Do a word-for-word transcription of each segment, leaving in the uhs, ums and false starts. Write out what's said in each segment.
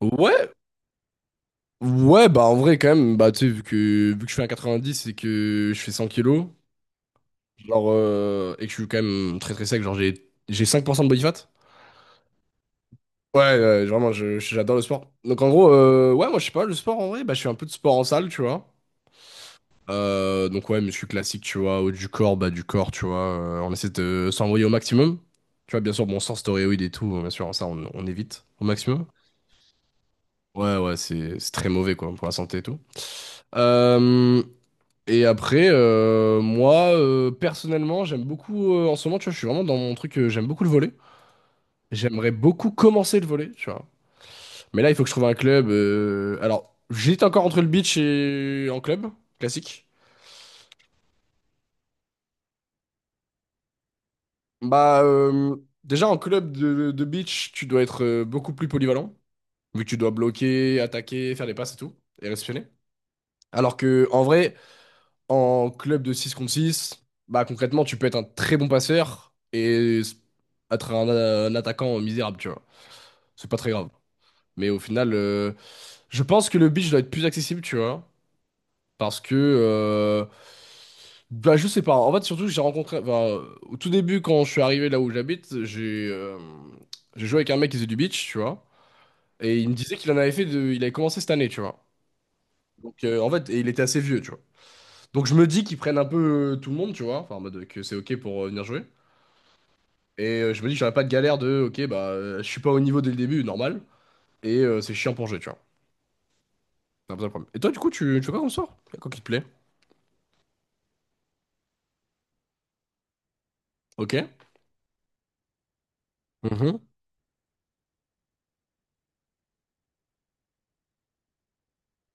Ouais, ouais, bah en vrai quand même, bah tu sais, vu que, vu que je fais un quatre-vingt-dix et que je fais cent kilos, genre, euh, et que je suis quand même très très sec, genre j'ai j'ai cinq pour cent de body fat. Ouais, ouais, vraiment, je- j'adore le sport. Donc en gros, euh, ouais, moi je sais pas, le sport en vrai, bah je fais un peu de sport en salle, tu vois. Euh, donc ouais, muscu classique, tu vois, haut du corps, bas du corps, tu vois, euh, on essaie de s'envoyer au maximum. Tu vois, bien sûr, bon, sans stéroïdes et tout, bien sûr, ça on, on évite au maximum. Ouais, ouais, c'est c'est très mauvais quoi, pour la santé et tout. Euh, Et après, euh, moi, euh, personnellement, j'aime beaucoup, euh, en ce moment, tu vois, je suis vraiment dans mon truc, euh, j'aime beaucoup le volley. J'aimerais beaucoup commencer le volley, tu vois. Mais là, il faut que je trouve un club. euh, Alors, j'hésite encore entre le beach et en club, classique. Bah, euh, déjà, en club de, de beach, tu dois être euh, beaucoup plus polyvalent, vu que tu dois bloquer, attaquer, faire des passes et tout, et réceptionner. Alors que, en vrai, en club de six contre six, bah concrètement, tu peux être un très bon passeur et s- être un, euh, un attaquant misérable, tu vois. C'est pas très grave. Mais au final, euh, je pense que le beach doit être plus accessible, tu vois. Parce que, euh, bah je sais pas. En fait, surtout, j'ai rencontré, enfin, au tout début, quand je suis arrivé là où j'habite, j'ai euh, j'ai joué avec un mec qui faisait du beach, tu vois. Et il me disait qu'il en avait fait de, il avait commencé cette année, tu vois. Donc, euh, en fait, et il était assez vieux, tu vois. Donc je me dis qu'ils prennent un peu euh, tout le monde, tu vois, enfin en mode que c'est ok pour euh, venir jouer. Et euh, je me dis que j'aurais pas de galère de ok bah euh, je suis pas au niveau dès le début, normal. Et euh, c'est chiant pour jouer, tu vois. C'est un peu ça le problème. Et toi du coup tu, tu fais quoi comme sort? Quoi qui te plaît? Ok. Mhm.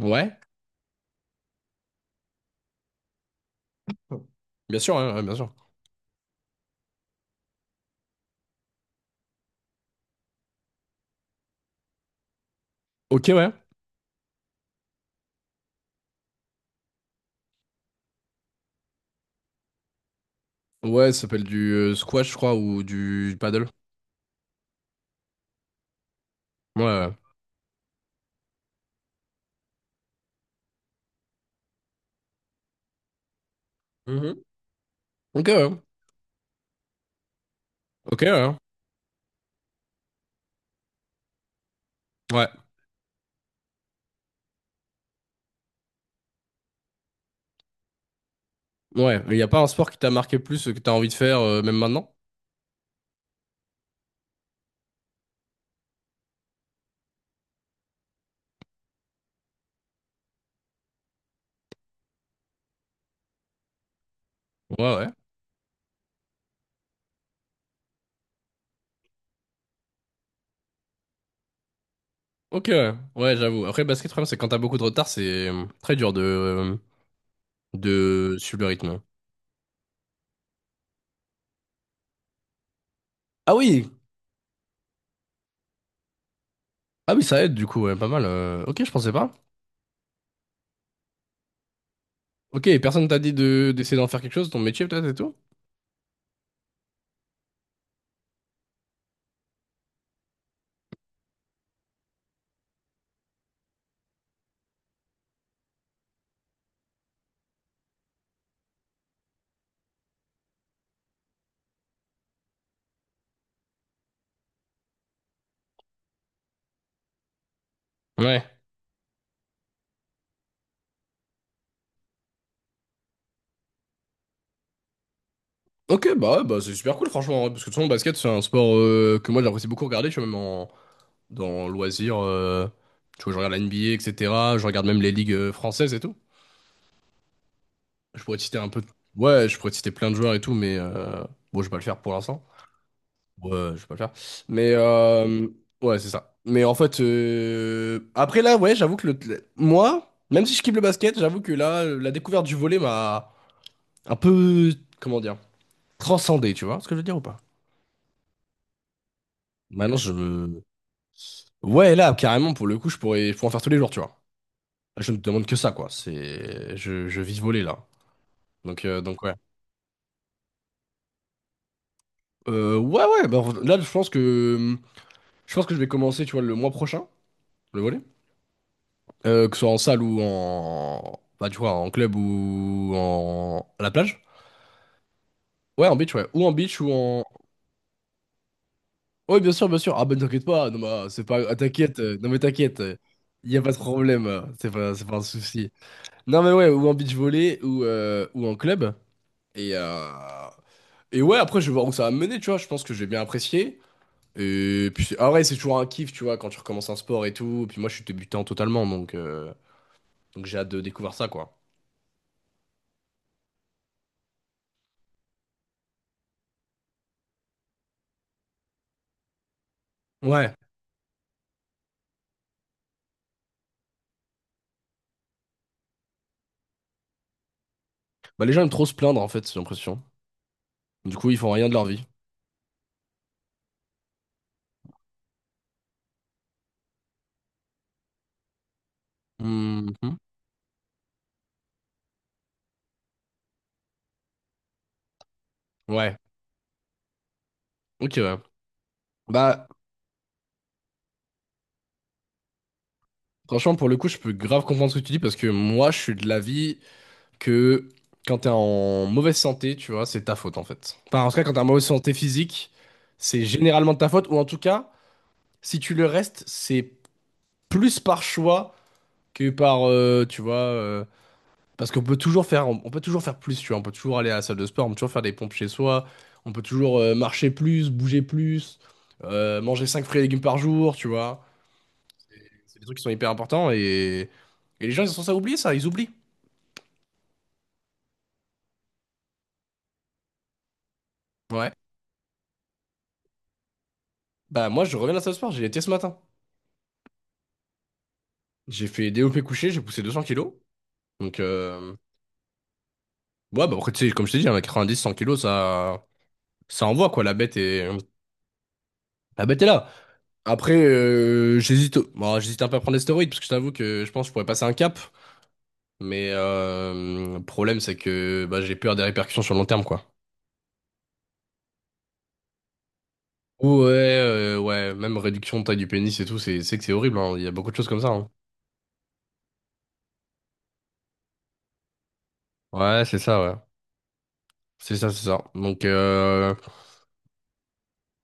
Ouais. Bien sûr, hein, ouais, bien sûr. Ok, ouais. Ouais, ça s'appelle du euh, squash, je crois, ou du paddle. Ouais, ouais. Mhm. Ok, ouais. Ok, ouais, hein. Ouais. Ouais. Il y a pas un sport qui t'a marqué plus, euh, que t'as envie de faire euh, même maintenant? Ouais, ouais. Ok, ouais, ouais, j'avoue. Après, basket, le problème, c'est que quand t'as beaucoup de retard, c'est euh, très dur de, euh, de suivre le rythme. Ah oui, ah oui, ça aide du coup, ouais, pas mal. euh. Ok, je pensais pas. Ok, et personne t'a dit de d'essayer d'en faire quelque chose, ton métier peut-être et tout? Ouais. Ok, bah, ouais, bah c'est super cool, franchement, ouais, parce que de toute façon, le basket, c'est un sport euh, que moi j'apprécie beaucoup regarder, tu vois, même en, dans loisirs. Euh, tu vois, je regarde la N B A, et cetera. Je regarde même les ligues euh, françaises et tout. Je pourrais te citer un peu. Ouais, je pourrais te citer plein de joueurs et tout, mais euh, bon, je vais pas le faire pour l'instant. Ouais, je vais pas le faire. Mais euh, ouais, c'est ça. Mais en fait, euh, après là, ouais, j'avoue que le... le- moi, même si je kiffe le basket, j'avoue que là, euh, la découverte du volley m'a un peu, comment dire, transcendé, tu vois ce que je veux dire ou pas? Maintenant, je... Ouais, là, carrément, pour le coup, je pourrais, je pourrais en faire tous les jours, tu vois. Je ne demande que ça, quoi. C'est... Je, je vis volley, là. Donc, euh, donc ouais. Euh, ouais, ouais, bah, là, je pense que... Je pense que je vais commencer, tu vois, le mois prochain, le volley. Euh, que ce soit en salle ou en... Bah, tu vois, en club ou en... à la plage? Ouais, en beach, ouais. Ou en beach ou en... Oui, bien sûr, bien sûr. Ah ben t'inquiète pas, non bah, c'est pas... ah, t'inquiète, euh, non mais t'inquiète, il y a pas de problème, euh, c'est pas, c'est pas un souci. Non mais ouais, ou en beach volley ou, euh, ou en club. Et, euh, et ouais, après je vais voir où ça va me mener, tu vois, je pense que je vais bien apprécier. Et puis, c'est- ah ouais, c'est toujours un kiff, tu vois, quand tu recommences un sport et tout. Et puis moi je suis débutant totalement, donc, euh, donc j'ai hâte de découvrir ça, quoi. Ouais. Bah, les gens aiment trop se plaindre, en fait, j'ai l'impression. Du coup, ils font rien de leur vie. Mhm. Ouais, ok, ouais. Bah, franchement, pour le coup, je peux grave comprendre ce que tu dis parce que moi, je suis de l'avis que quand t'es en mauvaise santé, tu vois, c'est ta faute, en fait. Enfin, en tout cas, quand t'es en mauvaise santé physique, c'est généralement de ta faute, ou en tout cas, si tu le restes, c'est plus par choix que par, euh, tu vois, euh, parce qu'on peut toujours faire, on peut toujours faire plus, tu vois. On peut toujours aller à la salle de sport, on peut toujours faire des pompes chez soi, on peut toujours euh, marcher plus, bouger plus, euh, manger cinq fruits et légumes par jour, tu vois. C'est des trucs qui sont hyper importants et, et les gens, ils sont censés oublier ça, ils oublient. Ouais. Bah, moi, je reviens de la salle de sport, j'ai été ce matin. J'ai fait D O P couché, j'ai poussé deux cents kilos. Donc, euh, ouais, bah, après, tu sais, comme je t'ai dit, hein, quatre-vingt-dix cent kilos, ça, ça envoie, quoi. La bête est, la bête est là. Après, euh, j'hésite, bon, j'hésite un peu à prendre des stéroïdes parce que je t'avoue que je pense que je pourrais passer un cap. Mais euh, le problème, c'est que bah, j'ai peur des répercussions sur le long terme, quoi. Ouais, euh, ouais, même réduction de taille du pénis et tout, c'est c'est que c'est horrible, hein. Il y a beaucoup de choses comme ça, hein. Ouais, c'est ça, ouais. C'est ça, c'est ça. Donc, euh,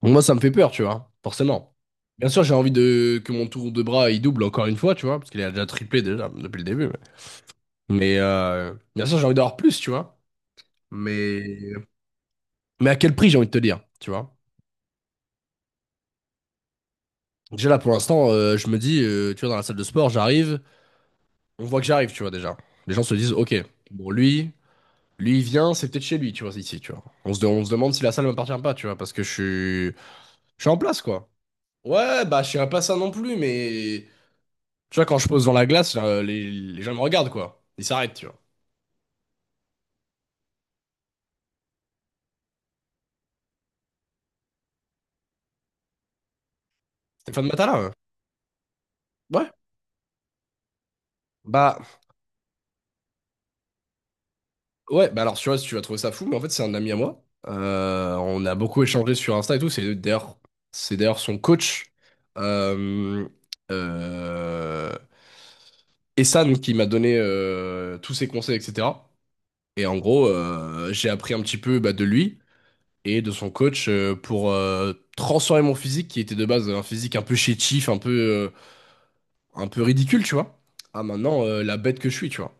moi, ça me fait peur, tu vois, forcément. Bien sûr, j'ai envie de que mon tour de bras il double encore une fois, tu vois, parce qu'il a déjà triplé déjà depuis le début. Mais, mais, euh, bien sûr, j'ai envie d'avoir plus, tu vois. Mais, mais à quel prix, j'ai envie de te dire, tu vois. Déjà là, pour l'instant, euh, je me dis, euh, tu vois, dans la salle de sport, j'arrive. On voit que j'arrive, tu vois, déjà. Les gens se disent, ok, bon, lui, lui, il vient, c'est peut-être chez lui, tu vois, ici, tu vois. On se, de- on se demande si la salle m'appartient pas, tu vois, parce que je suis, je suis en place, quoi. Ouais, bah, je suis pas ça non plus, mais tu vois, quand je pose dans la glace, là, les, les gens me regardent, quoi. Ils s'arrêtent, tu vois. Stéphane Matala, hein. Ouais. Bah, ouais, bah alors, tu vois, si tu vas trouver ça fou, mais en fait, c'est un ami à moi. Euh, on a beaucoup échangé sur Insta et tout. C'est d'ailleurs, c'est d'ailleurs son coach. Euh, euh, Essan qui m'a donné euh, tous ses conseils, et cetera. Et en gros, euh, j'ai appris un petit peu bah, de lui et de son coach euh, pour euh, transformer mon physique qui était de base un physique un peu chétif, un peu, euh, un peu ridicule, tu vois. À maintenant, euh, la bête que je suis, tu vois.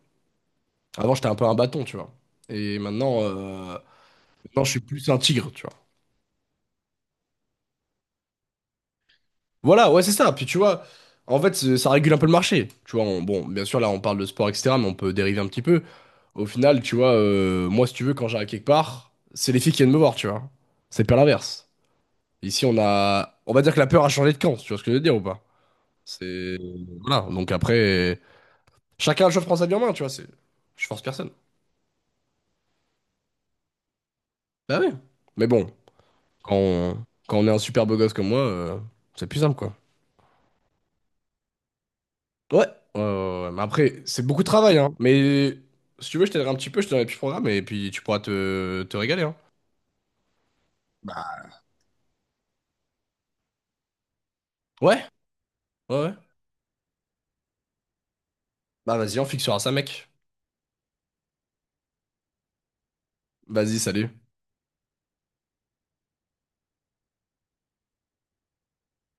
Avant, j'étais un peu un bâton, tu vois. Et maintenant, euh, maintenant, je suis plus un tigre, tu vois. Voilà, ouais, c'est ça. Puis tu vois, en fait, c'est- ça régule un peu le marché. Tu vois, on- bon, bien sûr, là, on parle de sport, et cetera, mais on peut dériver un petit peu. Au final, tu vois, euh, moi, si tu veux, quand j'arrive quelque part, c'est les filles qui viennent me voir, tu vois. C'est pas l'inverse. Ici, on a. On va dire que la peur a changé de camp, si tu vois ce que je veux dire ou pas? C'est. Voilà. Donc après, chacun, je prends sa vie en main, tu vois. C'est... Je force personne. Bah oui. Mais bon, quand on, quand on est un super beau gosse comme moi, euh, c'est plus simple, quoi. Ouais. Ouais, ouais, ouais. Mais après, c'est beaucoup de travail, hein. Mais si tu veux, je t'aiderai un petit peu, je te donnerai plus programme et puis tu pourras te, te régaler, hein. Bah. Ouais, ouais, ouais. Bah vas-y, on fixera ça, mec. Vas-y, salut.